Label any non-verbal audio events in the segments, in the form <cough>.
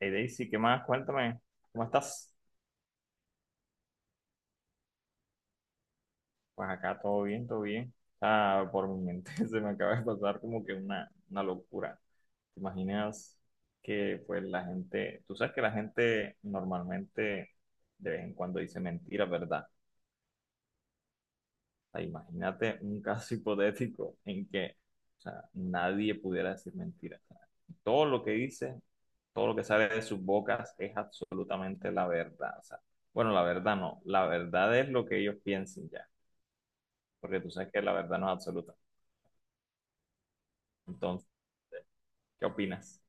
Hey, Daisy, ¿qué más? Cuéntame, ¿cómo estás? Pues acá todo bien, todo bien. Ah, por mi mente <laughs> se me acaba de pasar como que una locura. ¿Te imaginas que pues la gente, tú sabes que la gente normalmente de vez en cuando dice mentiras, ¿verdad? O sea, imagínate un caso <laughs> hipotético en que, o sea, nadie pudiera decir mentiras. O sea, todo lo que dice, todo lo que sale de sus bocas es absolutamente la verdad. O sea, bueno, la verdad no, la verdad es lo que ellos piensen ya. Porque tú sabes que la verdad no es absoluta. Entonces, ¿qué opinas?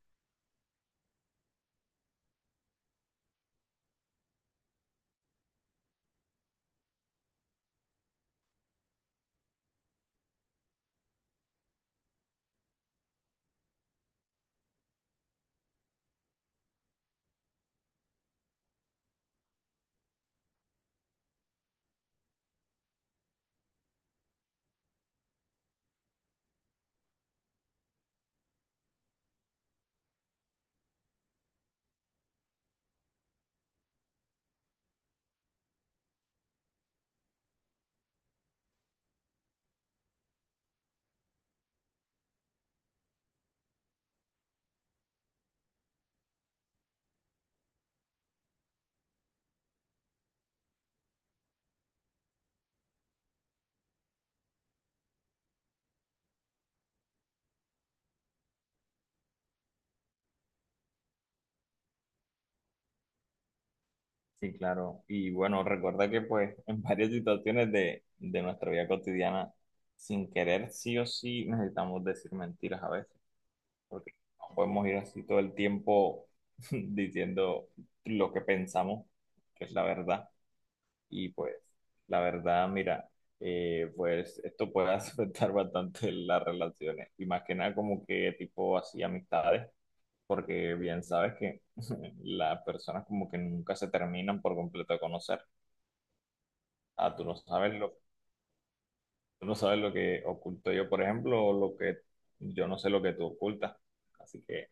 Sí, claro. Y bueno, recuerda que pues <laughs> en varias situaciones de nuestra vida cotidiana, sin querer, sí o sí, necesitamos decir mentiras a veces, porque no podemos ir así todo el tiempo <laughs> diciendo lo que pensamos, que es la verdad. Y pues, la verdad, mira, pues esto puede <laughs> afectar bastante las relaciones, y más que nada como que tipo así amistades porque bien sabes que <laughs> las personas como que nunca se terminan por completo de conocer. Ah, tú no sabes lo, tú no sabes lo que oculto yo, por ejemplo, o lo que yo no sé lo que tú ocultas. Así que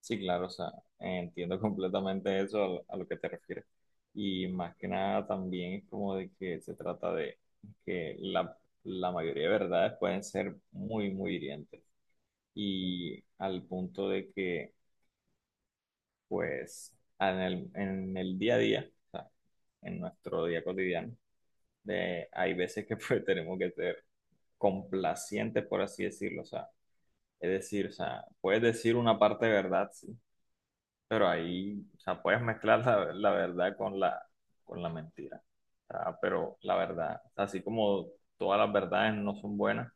sí, claro, o sea, entiendo <laughs> completamente eso a lo que te refieres. Y más que nada también es como de que se trata de que la mayoría de verdades pueden ser muy, muy hirientes. Y al punto de que pues en el día a día, o sea, en nuestro día cotidiano, de, hay veces que pues, <laughs> tenemos que ser complacientes, por así decirlo, o sea, es decir, o sea, puedes decir una parte de verdad, sí, pero ahí, o sea, puedes mezclar la, la verdad con la mentira, o sea, pero la verdad, o sea, así como todas las verdades no son buenas,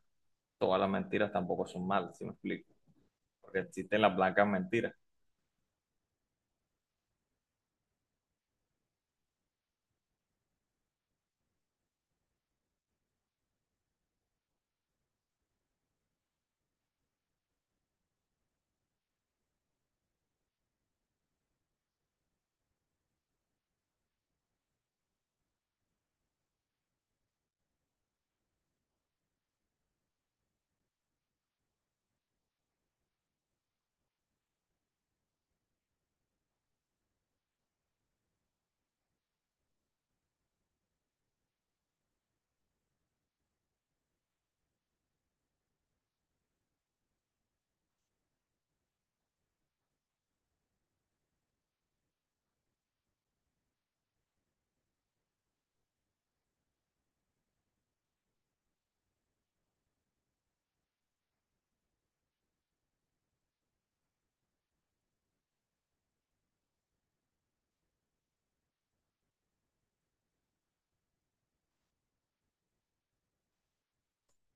todas las mentiras tampoco son malas, ¿si me explico? Porque existen las blancas mentiras,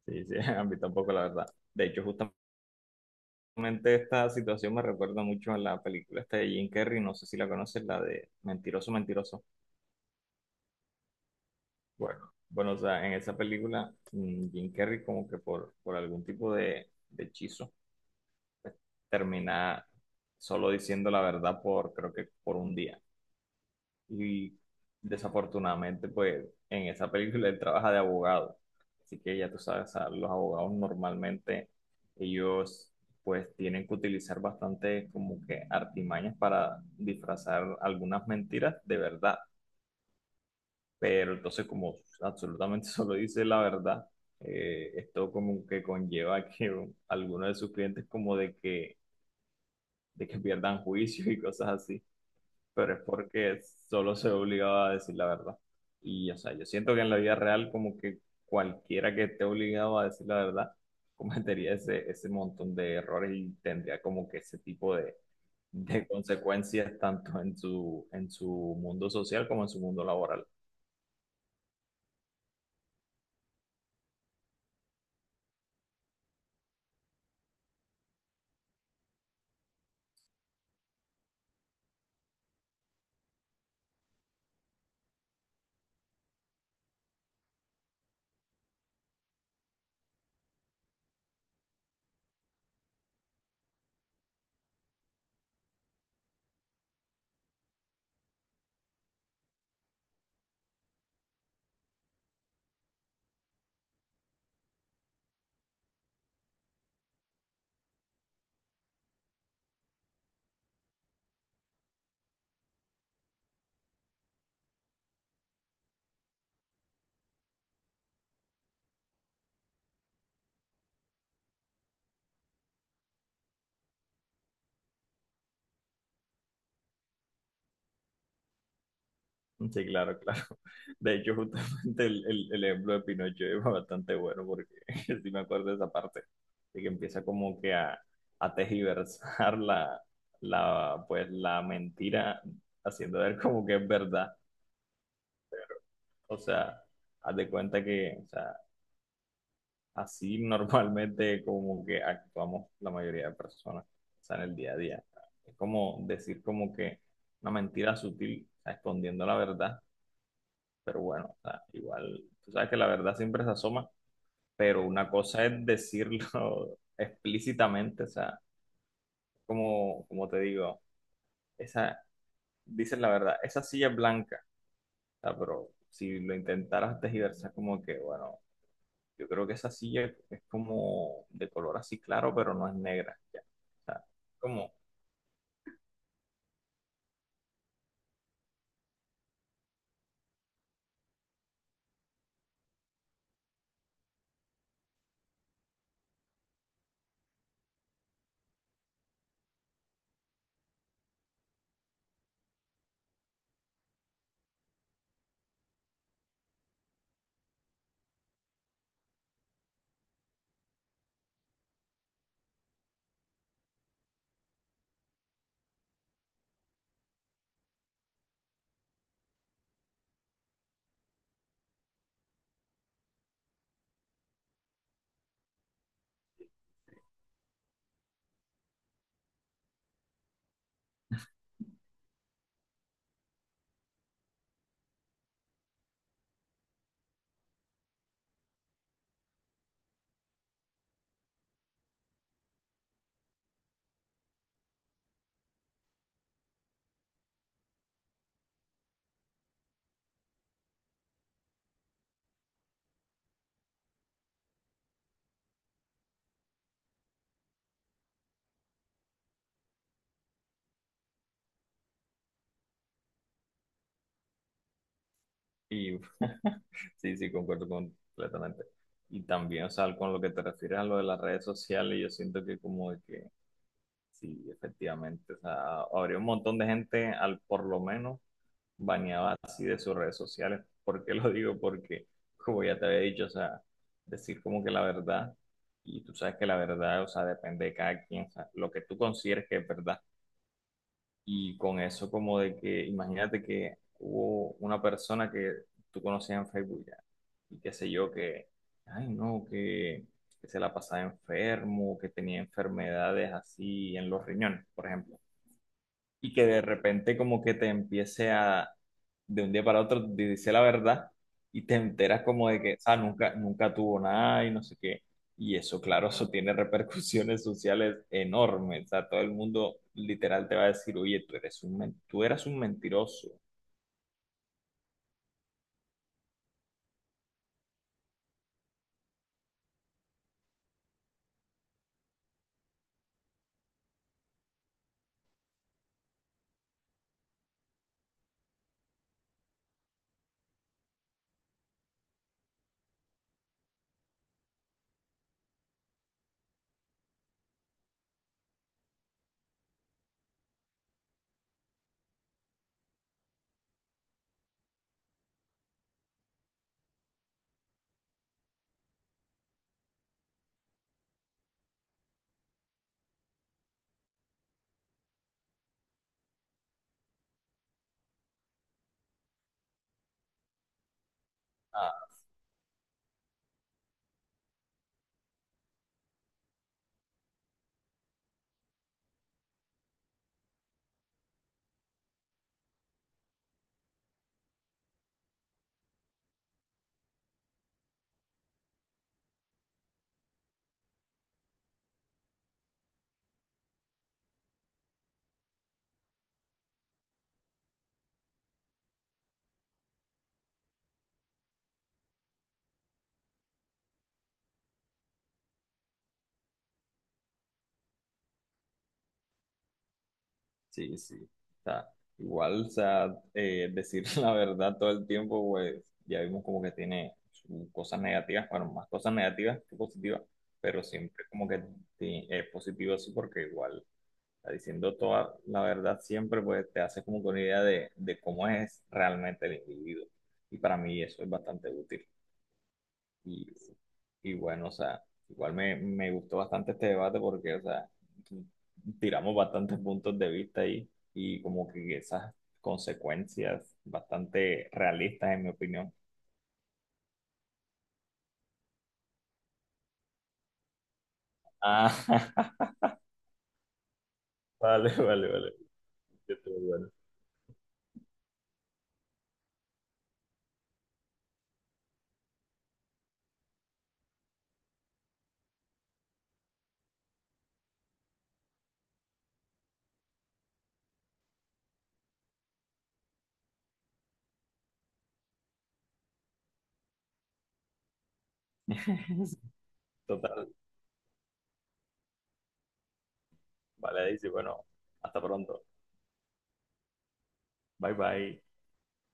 sí, sí, <laughs> a mí tampoco la verdad. De hecho, justamente realmente esta situación me recuerda mucho a la película esta de Jim Carrey, no sé si la conoces, la de Mentiroso, Mentiroso. Bueno, bueno, o sea, en esa película Jim Carrey como que por algún tipo de hechizo termina solo diciendo la verdad por, creo que por un día. Y desafortunadamente, pues en esa película él trabaja de abogado. Así que ya tú sabes, a los abogados normalmente ellos pues tienen que utilizar bastante como que artimañas para disfrazar algunas mentiras de verdad. Pero entonces como absolutamente <laughs> solo dice la verdad, esto como que conlleva que algunos de sus clientes como de que pierdan juicio y cosas así pero es porque solo se ve obligado a decir la verdad. Y, o sea, yo siento que en la vida real como que cualquiera que esté obligado a decir la verdad <laughs> cometería ese montón de errores y tendría como que ese tipo de consecuencias tanto en su mundo social como en su mundo laboral. Sí, claro, <laughs> claro. De hecho, justamente el ejemplo de Pinocho es bastante bueno porque <laughs> sí me acuerdo de esa parte, de que empieza como que a tergiversar <laughs> la, pues, la mentira, haciendo ver como que es verdad. O sea, haz de cuenta que, o sea, así <laughs> normalmente como que actuamos la mayoría de personas, o sea, en el día a día. Es como decir como que una mentira sutil, o sea, escondiendo la verdad pero bueno, o sea, igual, tú sabes que la verdad siempre se asoma, pero una cosa es decirlo <laughs> explícitamente, o sea, como, como te digo, esa, dices la verdad, esa silla es blanca, o sea, pero si lo intentaras tergiversar, como que, bueno, yo creo que esa silla es como de color así claro, pero no es negra, ya, o sea, como, y <laughs> sí, sí, concuerdo completamente. Y también, o sea, con lo que te refieres a lo de las redes sociales, yo siento que como de que sí, efectivamente. O sea, habría un montón de gente al por lo menos baneada así de sus redes sociales. ¿Por qué lo digo? Porque, como ya te había dicho, o sea, decir como que la verdad, y tú sabes que la verdad, o sea, depende de cada quien, o sea, lo que tú consideres que es verdad. Y con eso como de que, imagínate que hubo una persona que tú conocías en Facebook ya, y qué sé yo, que, ay no, que se la pasaba enfermo, que tenía enfermedades así en los riñones, por ejemplo y que de repente como que te empiece a, de un día para otro, te dice la verdad y te enteras como de que, ah, nunca, nunca tuvo nada y no sé qué. Y eso, claro, eso tiene <laughs> repercusiones sociales enormes. O sea, todo el mundo literal te va a decir, oye, tú eres un, tú eras un mentiroso. Sí, sí. O sea, igual, o sea, decir <laughs> la verdad todo el tiempo, pues ya vimos como que tiene sus cosas negativas, bueno, más cosas negativas que positivas, pero siempre como que es positivo así, porque igual, o sea, diciendo toda la verdad siempre, pues te hace como que una idea de cómo es realmente el individuo. Y para mí eso es bastante útil. Y, y bueno, o sea, igual me gustó bastante este debate porque, o sea, tiramos bastantes puntos de vista ahí y como que esas consecuencias bastante realistas, en mi opinión. Ah, <laughs> vale, vale, vale. Estuvo bueno. <laughs> Total, vale, dice, bueno, hasta pronto. Bye, bye.